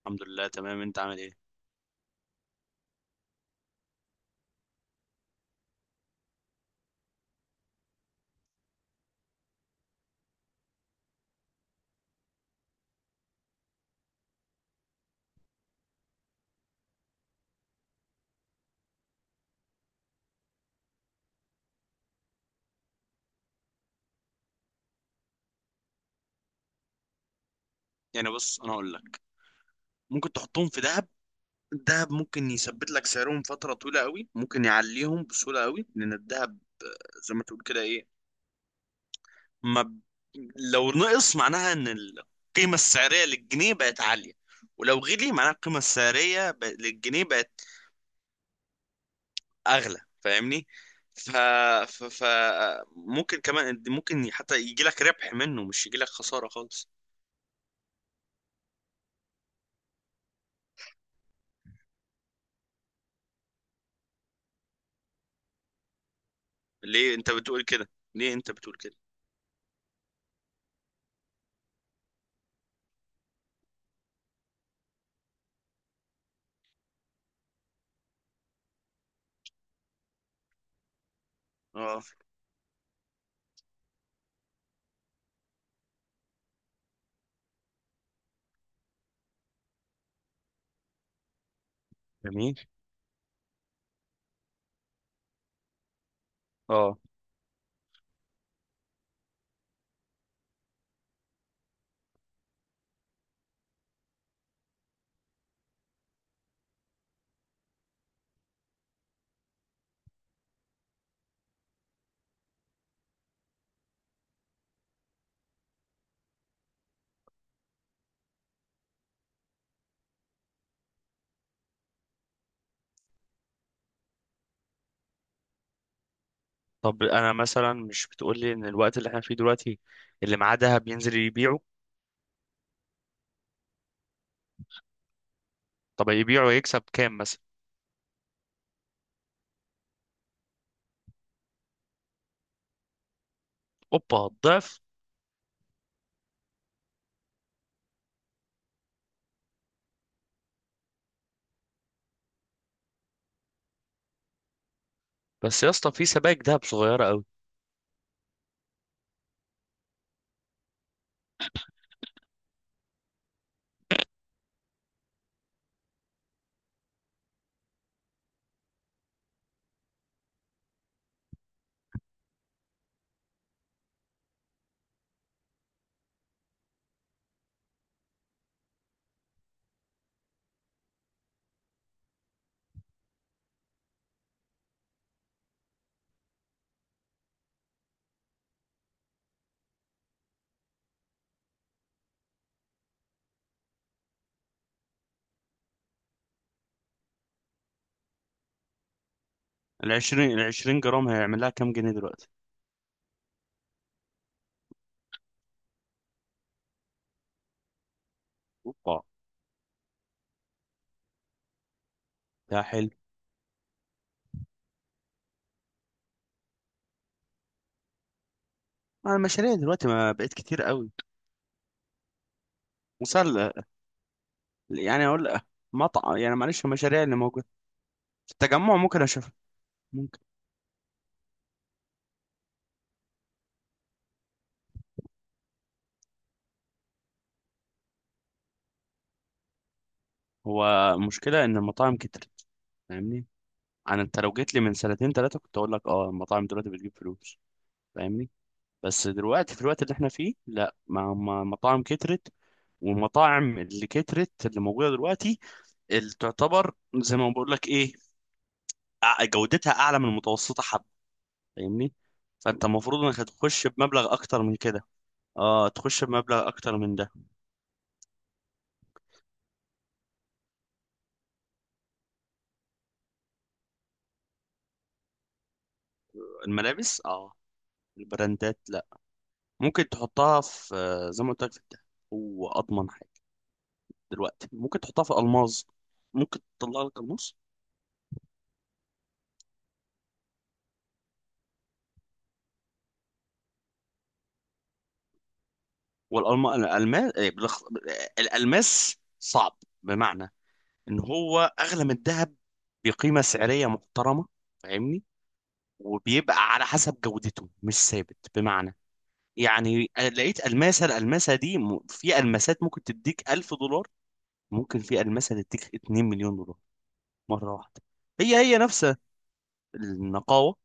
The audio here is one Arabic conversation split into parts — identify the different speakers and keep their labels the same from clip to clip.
Speaker 1: الحمد لله تمام، انت عامل ايه؟ يعني بص، انا اقول لك ممكن تحطهم في دهب. الدهب ممكن يثبت لك سعرهم فتره طويله قوي، ممكن يعليهم بسهوله قوي، لان الدهب زي ما تقول كده ايه، ما ب... لو نقص معناها ان القيمه السعريه للجنيه بقت عاليه، ولو غلي معناها القيمه السعريه للجنيه بقت اغلى، فاهمني. ف... ف... ف ممكن كمان، ممكن حتى يجي لك ربح منه، مش يجي لك خساره خالص. ليه انت بتقول كده؟ ليه انت بتقول كده؟ اه، جميل، اه. طب انا مثلا، مش بتقول لي ان الوقت اللي احنا فيه دلوقتي اللي معاه دهب ينزل يبيعه؟ طب يبيعه يكسب كام مثلا؟ اوبا، الضعف. بس يا اسطى، في سبائك دهب صغيره قوي. ال 20، ال 20 جرام هيعمل لها كام جنيه دلوقتي؟ اوبا. ده حلو. ما المشاريع دلوقتي ما بقت كتير قوي. مسل يعني اقول، مطعم، يعني معلش، المشاريع اللي موجوده في التجمع ممكن اشوفها. ممكن. هو المشكله ان المطاعم كترت، فاهمني. انت لو جيت لي من سنتين ثلاثه كنت اقول لك اه المطاعم دلوقتي بتجيب فلوس، فاهمني. بس دلوقتي في الوقت اللي احنا فيه، لا، مطاعم كترت. والمطاعم اللي كترت اللي موجودة دلوقتي، اللي تعتبر زي ما بقول لك ايه، جودتها اعلى من المتوسطة، حب، فاهمني. فانت المفروض انك هتخش بمبلغ اكتر من كده. اه، تخش بمبلغ اكتر من ده. الملابس، اه. البراندات، لا. ممكن تحطها في، زي ما قلت لك، في الدهب. هو اضمن حاجة. دلوقتي ممكن تحطها في الماظ. ممكن تطلع لك الماظ. والالمان الالمان إيه، بالأخ- الالماس صعب، بمعنى ان هو اغلى من الذهب بقيمه سعريه محترمه، فاهمني. وبيبقى على حسب جودته، مش ثابت، بمعنى، يعني، لقيت الماسه الالماسه دي في الماسات ممكن تديك 1000 دولار، ممكن في الماسه تديك 2 مليون دولار، مره واحده. هي نفس النقاوه.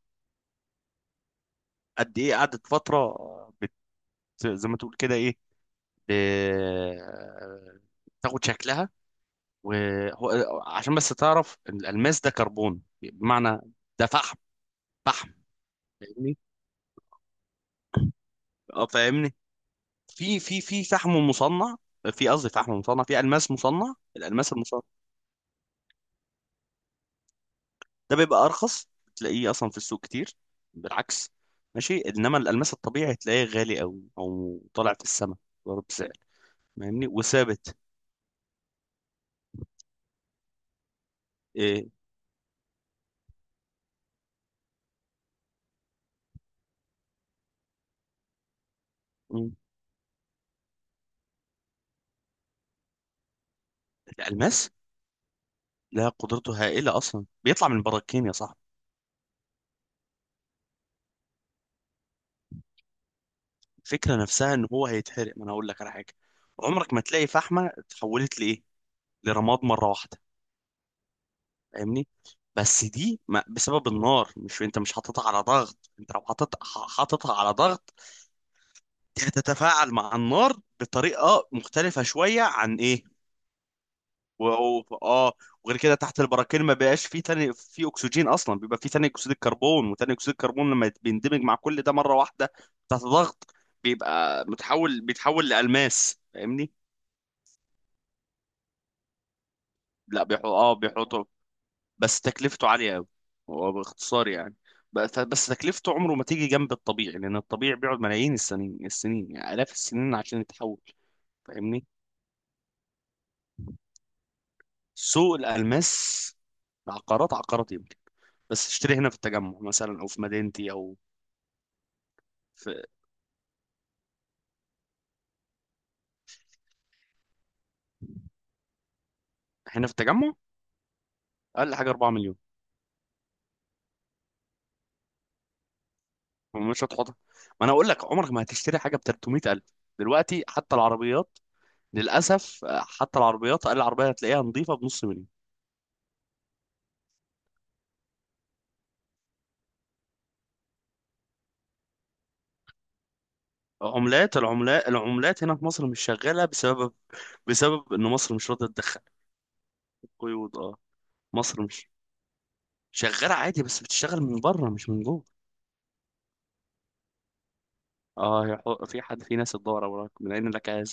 Speaker 1: قد ايه قعدت فتره، بت زي ما تقول كده ايه، ب- تاخد شكلها. وهو عشان بس تعرف إن الالماس ده كربون، بمعنى، ده فحم فحم، فاهمني. اه، فاهمني. في فحم مصنع، في، قصدي، فحم مصنع، في الماس مصنع، الالماس المصنع، ده بيبقى ارخص، تلاقيه اصلا في السوق كتير، بالعكس. ماشي. انما الالماس الطبيعي تلاقيه غالي قوي، او طالع في السماء، ضرب سعر، فاهمني، وثابت. إيه؟ مم. الالماس، لا، قدرته هائله، اصلا بيطلع من البراكين يا صاحبي. الفكره نفسها ان هو هيتحرق، ما انا هقول لك على حاجه، عمرك ما تلاقي فحمه اتحولت لايه، لرماد مره واحده، فاهمني. بس دي ما بسبب النار، مش انت مش حاططها على ضغط، انت لو حاطط حاططها على ضغط، دي هتتفاعل مع النار بطريقه مختلفه شويه عن ايه، اه. وغير كده تحت البراكين ما بقاش فيه تاني في اكسجين اصلا، بيبقى فيه ثاني اكسيد الكربون، وثاني اكسيد الكربون لما بيندمج مع كل ده مره واحده، تحت ضغط، بيبقى متحول، بيتحول لألماس، فاهمني. لا، بيحطوا، بس تكلفته عالية قوي. هو باختصار، يعني، بس تكلفته عمره ما تيجي جنب الطبيعي، لأن الطبيعي بيقعد ملايين السنين السنين، يعني آلاف السنين، عشان يتحول، فاهمني. سوق الألماس. عقارات عقارات، يمكن. بس اشتري هنا في التجمع مثلا، أو في مدينتي، أو في. هنا في التجمع أقل حاجة 4 مليون. مش هتحطها. ما أنا أقول لك، عمرك ما هتشتري حاجة ب 300000 دلوقتي، حتى العربيات، للأسف، حتى العربيات، أقل عربية هتلاقيها نظيفة بنص مليون. عملات العملات العملات هنا في مصر مش شغالة، بسبب، بسبب إن مصر مش راضية تدخل، قيود، اه. مصر مش شغالة عادي، بس بتشتغل من بره مش من جوه. اه، في حد، في ناس تدور وراك من أين لك هذا.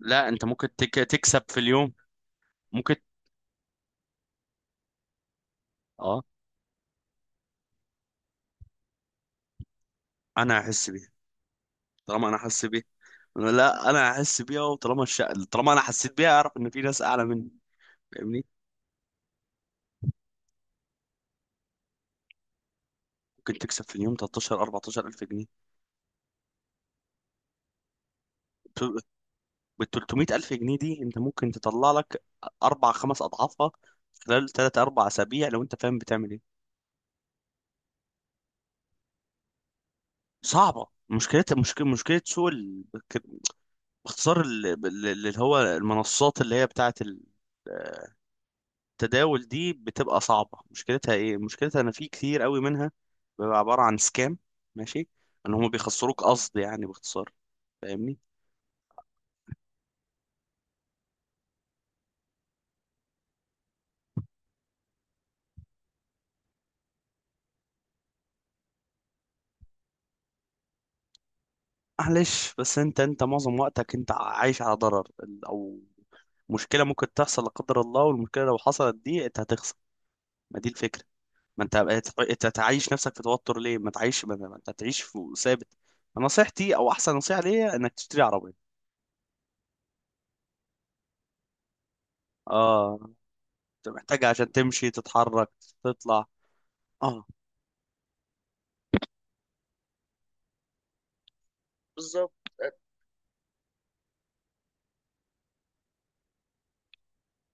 Speaker 1: لا، أنت ممكن تكسب في اليوم. ممكن. اه. أنا هحس بيها. طالما أنا حاسس بيها. لا، أنا هحس بيها، وطالما طالما أنا حسيت بيها أعرف إن في ناس أعلى مني، فاهمني. ممكن تكسب في اليوم 13، 14 ألف جنيه. بال 300 ألف جنيه دي، أنت ممكن تطلع لك أربع خمس أضعافها خلال تلات أربع أسابيع، لو أنت فاهم بتعمل إيه. صعبة، مشكلة سوق ك- باختصار، اللي هو المنصات، اللي هي بتاعة التداول دي بتبقى صعبة. مشكلتها إيه؟ مشكلتها إن في كتير قوي منها، بيبقى عبارة عن سكام، ماشي، إن هم بيخسروك قصد، يعني باختصار، فاهمني. معلش، بس انت معظم وقتك انت عايش على ضرر ال- او مشكله ممكن تحصل لا قدر الله، والمشكله لو حصلت دي انت هتخسر. ما دي الفكره. ما انت تعيش نفسك في توتر ليه؟ ما تعيش انت تعيش في ثابت. نصيحتي، او احسن نصيحه ليا، انك تشتري عربيه. اه، انت محتاجها عشان تمشي تتحرك، تطلع، اه. بالظبط.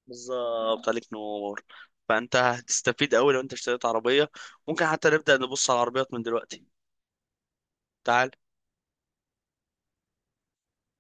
Speaker 1: بالظبط عليك نور. فانت هتستفيد قوي لو انت اشتريت عربيه. ممكن حتى نبدا نبص على العربيات من دلوقتي. تعال.